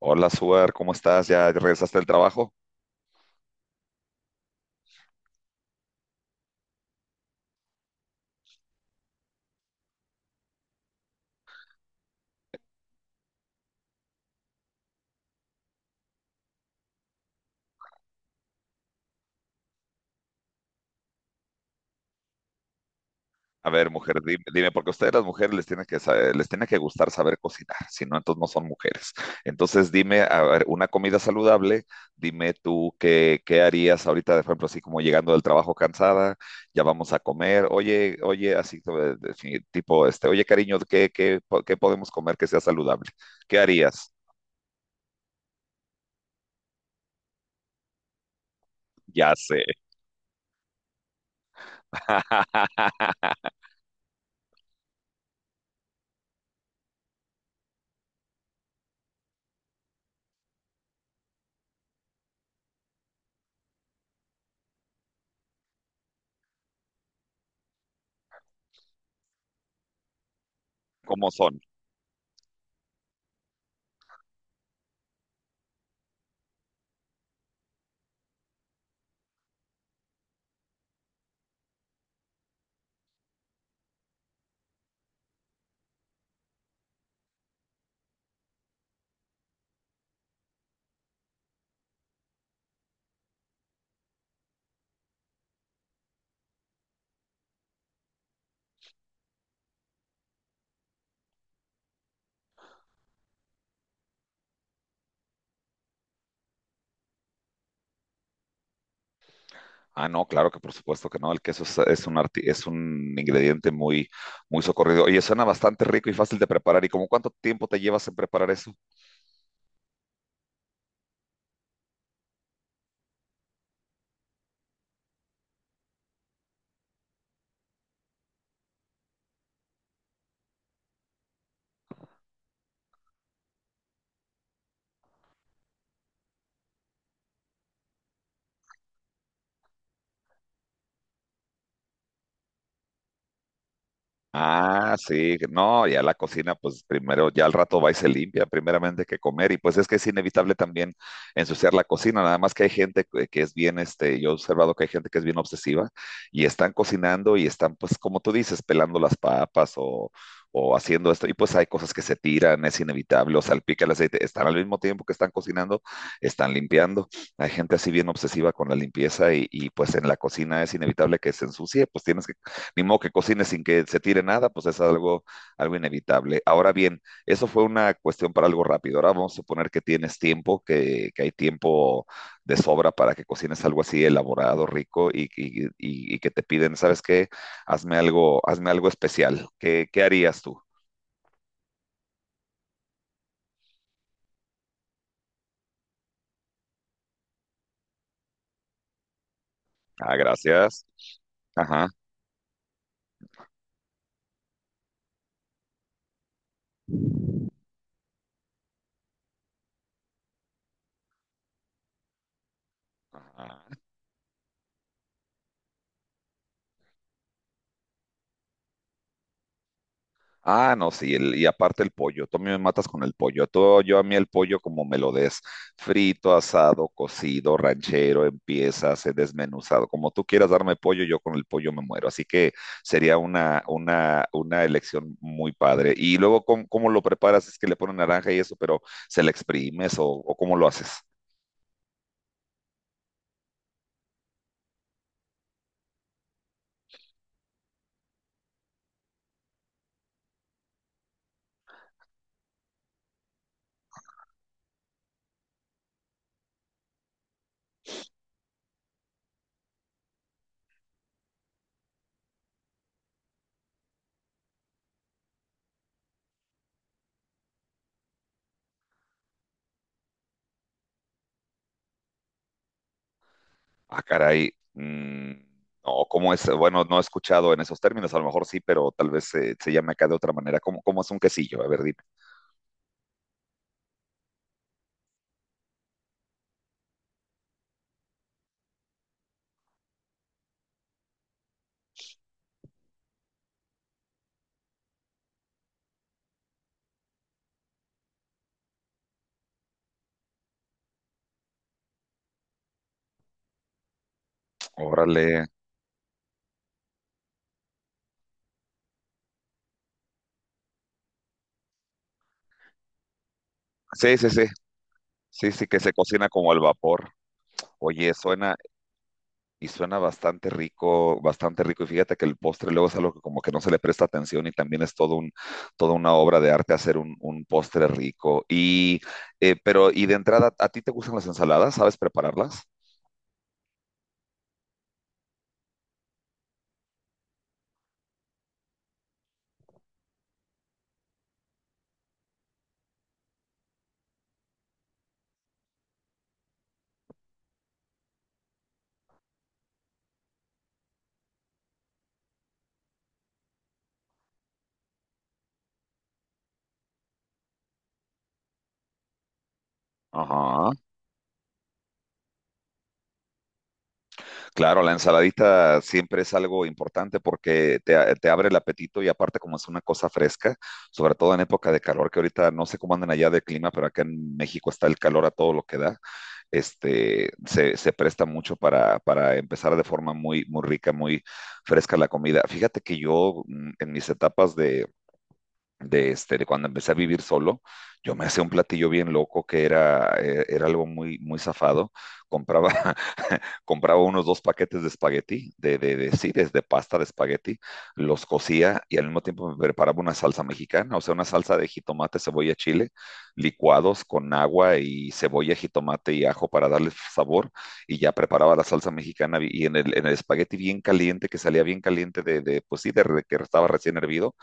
Hola, Suar, ¿cómo estás? ¿Ya regresaste del trabajo? A ver, mujer, dime, porque a ustedes las mujeres les tiene que les tiene que gustar saber cocinar, si no, entonces no son mujeres. Entonces, dime, a ver, una comida saludable, dime tú qué harías ahorita, por ejemplo, así como llegando del trabajo cansada, ya vamos a comer, oye, así sí, tipo, este, oye, cariño, ¿qué podemos comer que sea saludable? ¿Qué harías? Ya sé. ¿Cómo son? Ah, no, claro que por supuesto que no. El queso es un ingrediente muy socorrido. Oye, suena bastante rico y fácil de preparar. ¿Y como cuánto tiempo te llevas en preparar eso? Ah, sí, no, ya la cocina, pues primero, ya al rato va y se limpia, primeramente que comer, y pues es que es inevitable también ensuciar la cocina, nada más que hay gente que es bien, este, yo he observado que hay gente que es bien obsesiva y están cocinando y están, pues como tú dices, pelando las papas o haciendo esto, y pues hay cosas que se tiran, es inevitable, o salpica el aceite, están al mismo tiempo que están cocinando, están limpiando, hay gente así bien obsesiva con la limpieza y pues en la cocina es inevitable que se ensucie, pues tienes que ni modo que cocine sin que se tire nada, pues es algo, algo inevitable. Ahora bien, eso fue una cuestión para algo rápido. Ahora vamos a suponer que tienes tiempo, que hay tiempo de sobra para que cocines algo así elaborado, rico y que te piden, ¿sabes qué? Hazme algo especial. ¿Qué, qué harías tú? Ah, gracias. Ajá. Ah, no, sí, el- y aparte el pollo, tú a mí me matas con el pollo, tú, yo a mí el pollo como me lo des, frito, asado, cocido, ranchero, en piezas, desmenuzado, como tú quieras darme pollo, yo con el pollo me muero, así que sería una elección muy padre. Y luego, ¿cómo lo preparas? Es que le ponen naranja y eso, pero ¿se le exprimes o cómo lo haces? Ah, caray. Mm, no, ¿cómo es? Bueno, no he escuchado en esos términos, a lo mejor sí, pero tal vez se llame acá de otra manera. ¿Cómo es un quesillo? A ver, dime. Órale. Sí, sí, sí. Sí, sí, que se cocina como al vapor. Oye, y suena bastante rico, bastante rico. Y fíjate que el postre luego es algo que como que no se le presta atención y también es toda una obra de arte hacer un postre rico. Y, pero, y de entrada, ¿a ti te gustan las ensaladas? ¿Sabes prepararlas? Ajá. Claro, la ensaladita siempre es algo importante porque te abre el apetito y aparte como es una cosa fresca, sobre todo en época de calor, que ahorita no sé cómo andan allá de clima, pero acá en México está el calor a todo lo que da, este, se presta mucho para empezar de forma muy rica, muy fresca la comida. Fíjate que yo en mis etapas este, de cuando empecé a vivir solo, yo me hacía un platillo bien loco que era, era algo muy zafado. Compraba compraba unos dos paquetes de espagueti, sí, desde pasta de espagueti, los cocía y al mismo tiempo me preparaba una salsa mexicana, o sea, una salsa de jitomate, cebolla, chile, licuados con agua y cebolla, jitomate y ajo para darle sabor y ya preparaba la salsa mexicana y en en el espagueti bien caliente, que salía bien caliente de pues sí, de que estaba recién hervido,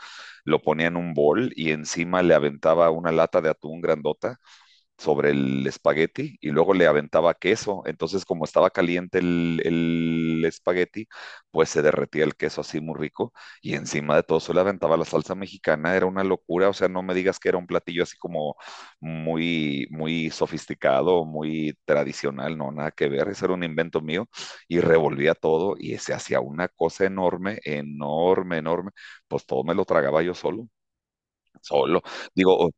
lo ponía en un bol y encima le aventaba una lata de atún grandota sobre el espagueti y luego le aventaba queso. Entonces, como estaba caliente el espagueti, pues se derretía el queso así muy rico y encima de todo se le aventaba la salsa mexicana. Era una locura, o sea, no me digas que era un platillo así como muy sofisticado, muy tradicional, no, nada que ver. Eso era un invento mío y revolvía todo y se hacía una cosa enorme, enorme, enorme. Pues todo me lo tragaba yo solo, solo. Digo,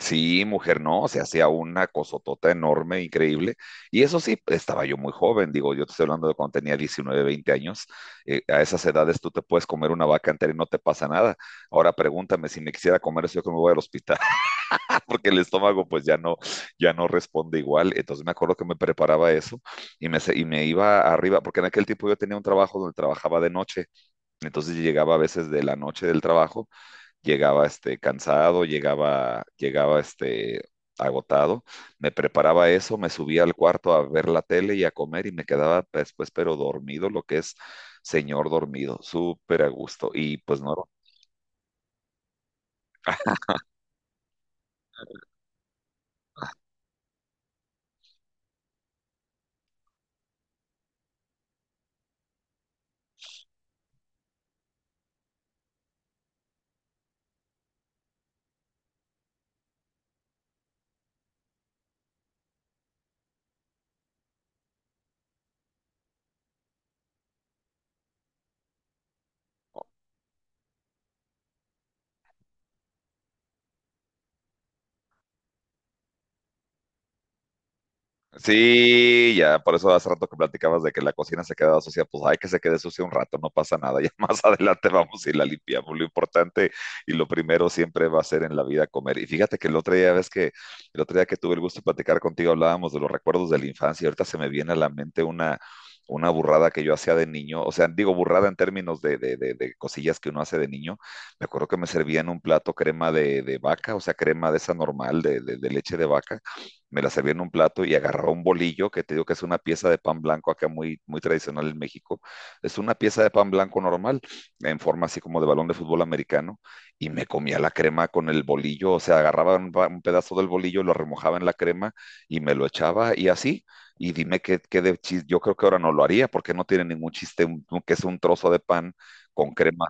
sí, mujer, no, se hacía una cosotota enorme, increíble. Y eso sí, estaba yo muy joven, digo, yo te estoy hablando de cuando tenía 19, 20 años. Eh, a esas edades tú te puedes comer una vaca entera y no te pasa nada. Ahora pregúntame si me quisiera comer eso, yo que me voy al hospital, porque el estómago pues ya no, ya no responde igual. Entonces me acuerdo que me preparaba eso y me iba arriba, porque en aquel tiempo yo tenía un trabajo donde trabajaba de noche. Entonces yo llegaba a veces de la noche del trabajo llegaba este, cansado, llegaba este, agotado, me preparaba eso, me subía al cuarto a ver la tele y a comer y me quedaba después, pero dormido, lo que es señor dormido, súper a gusto. Y pues no, sí, ya, por eso hace rato que platicabas de que la cocina se quedaba sucia, pues hay que se quede sucia un rato, no pasa nada, ya más adelante vamos y la limpiamos. Lo importante y lo primero siempre va a ser en la vida comer. Y fíjate que el otro día, ves que el otro día que tuve el gusto de platicar contigo, hablábamos de los recuerdos de la infancia, y ahorita se me viene a la mente una burrada que yo hacía de niño, o sea, digo burrada en términos de cosillas que uno hace de niño. Me acuerdo que me servían un plato crema de vaca, o sea, crema de esa normal, de leche de vaca me la servía en un plato y agarraba un bolillo, que te digo que es una pieza de pan blanco acá muy tradicional en México. Es una pieza de pan blanco normal, en forma así como de balón de fútbol americano, y me comía la crema con el bolillo, o sea, agarraba un pedazo del bolillo, lo remojaba en la crema y me lo echaba y así. Y dime yo creo que ahora no lo haría porque no tiene ningún chiste que es un trozo de pan con crema.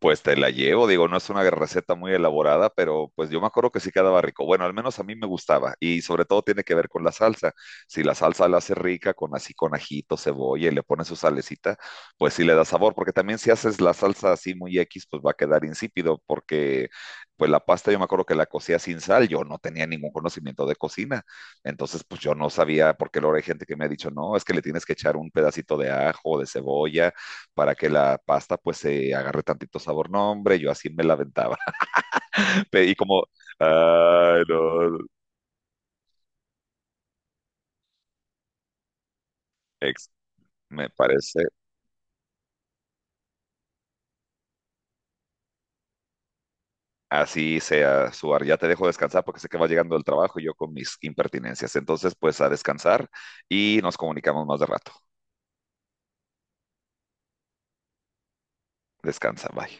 Pues te la llevo, digo, no es una receta muy elaborada, pero pues yo me acuerdo que sí quedaba rico. Bueno, al menos a mí me gustaba y sobre todo tiene que ver con la salsa. Si la salsa la hace rica con así con ajito, cebolla y le pones su salecita, pues sí le da sabor, porque también si haces la salsa así muy X, pues va a quedar insípido, porque pues la pasta yo me acuerdo que la cocía sin sal, yo no tenía ningún conocimiento de cocina, entonces pues yo no sabía, porque luego hay gente que me ha dicho, no, es que le tienes que echar un pedacito de ajo, de cebolla para que la pasta pues se agarre tantito sabor. No, hombre, yo así me la aventaba. Pe- Y como, ay, no, ex, me parece, así sea, Suar, ya te dejo descansar porque sé que va llegando el trabajo y yo con mis impertinencias. Entonces, pues a descansar y nos comunicamos más de rato. Descansa, bye.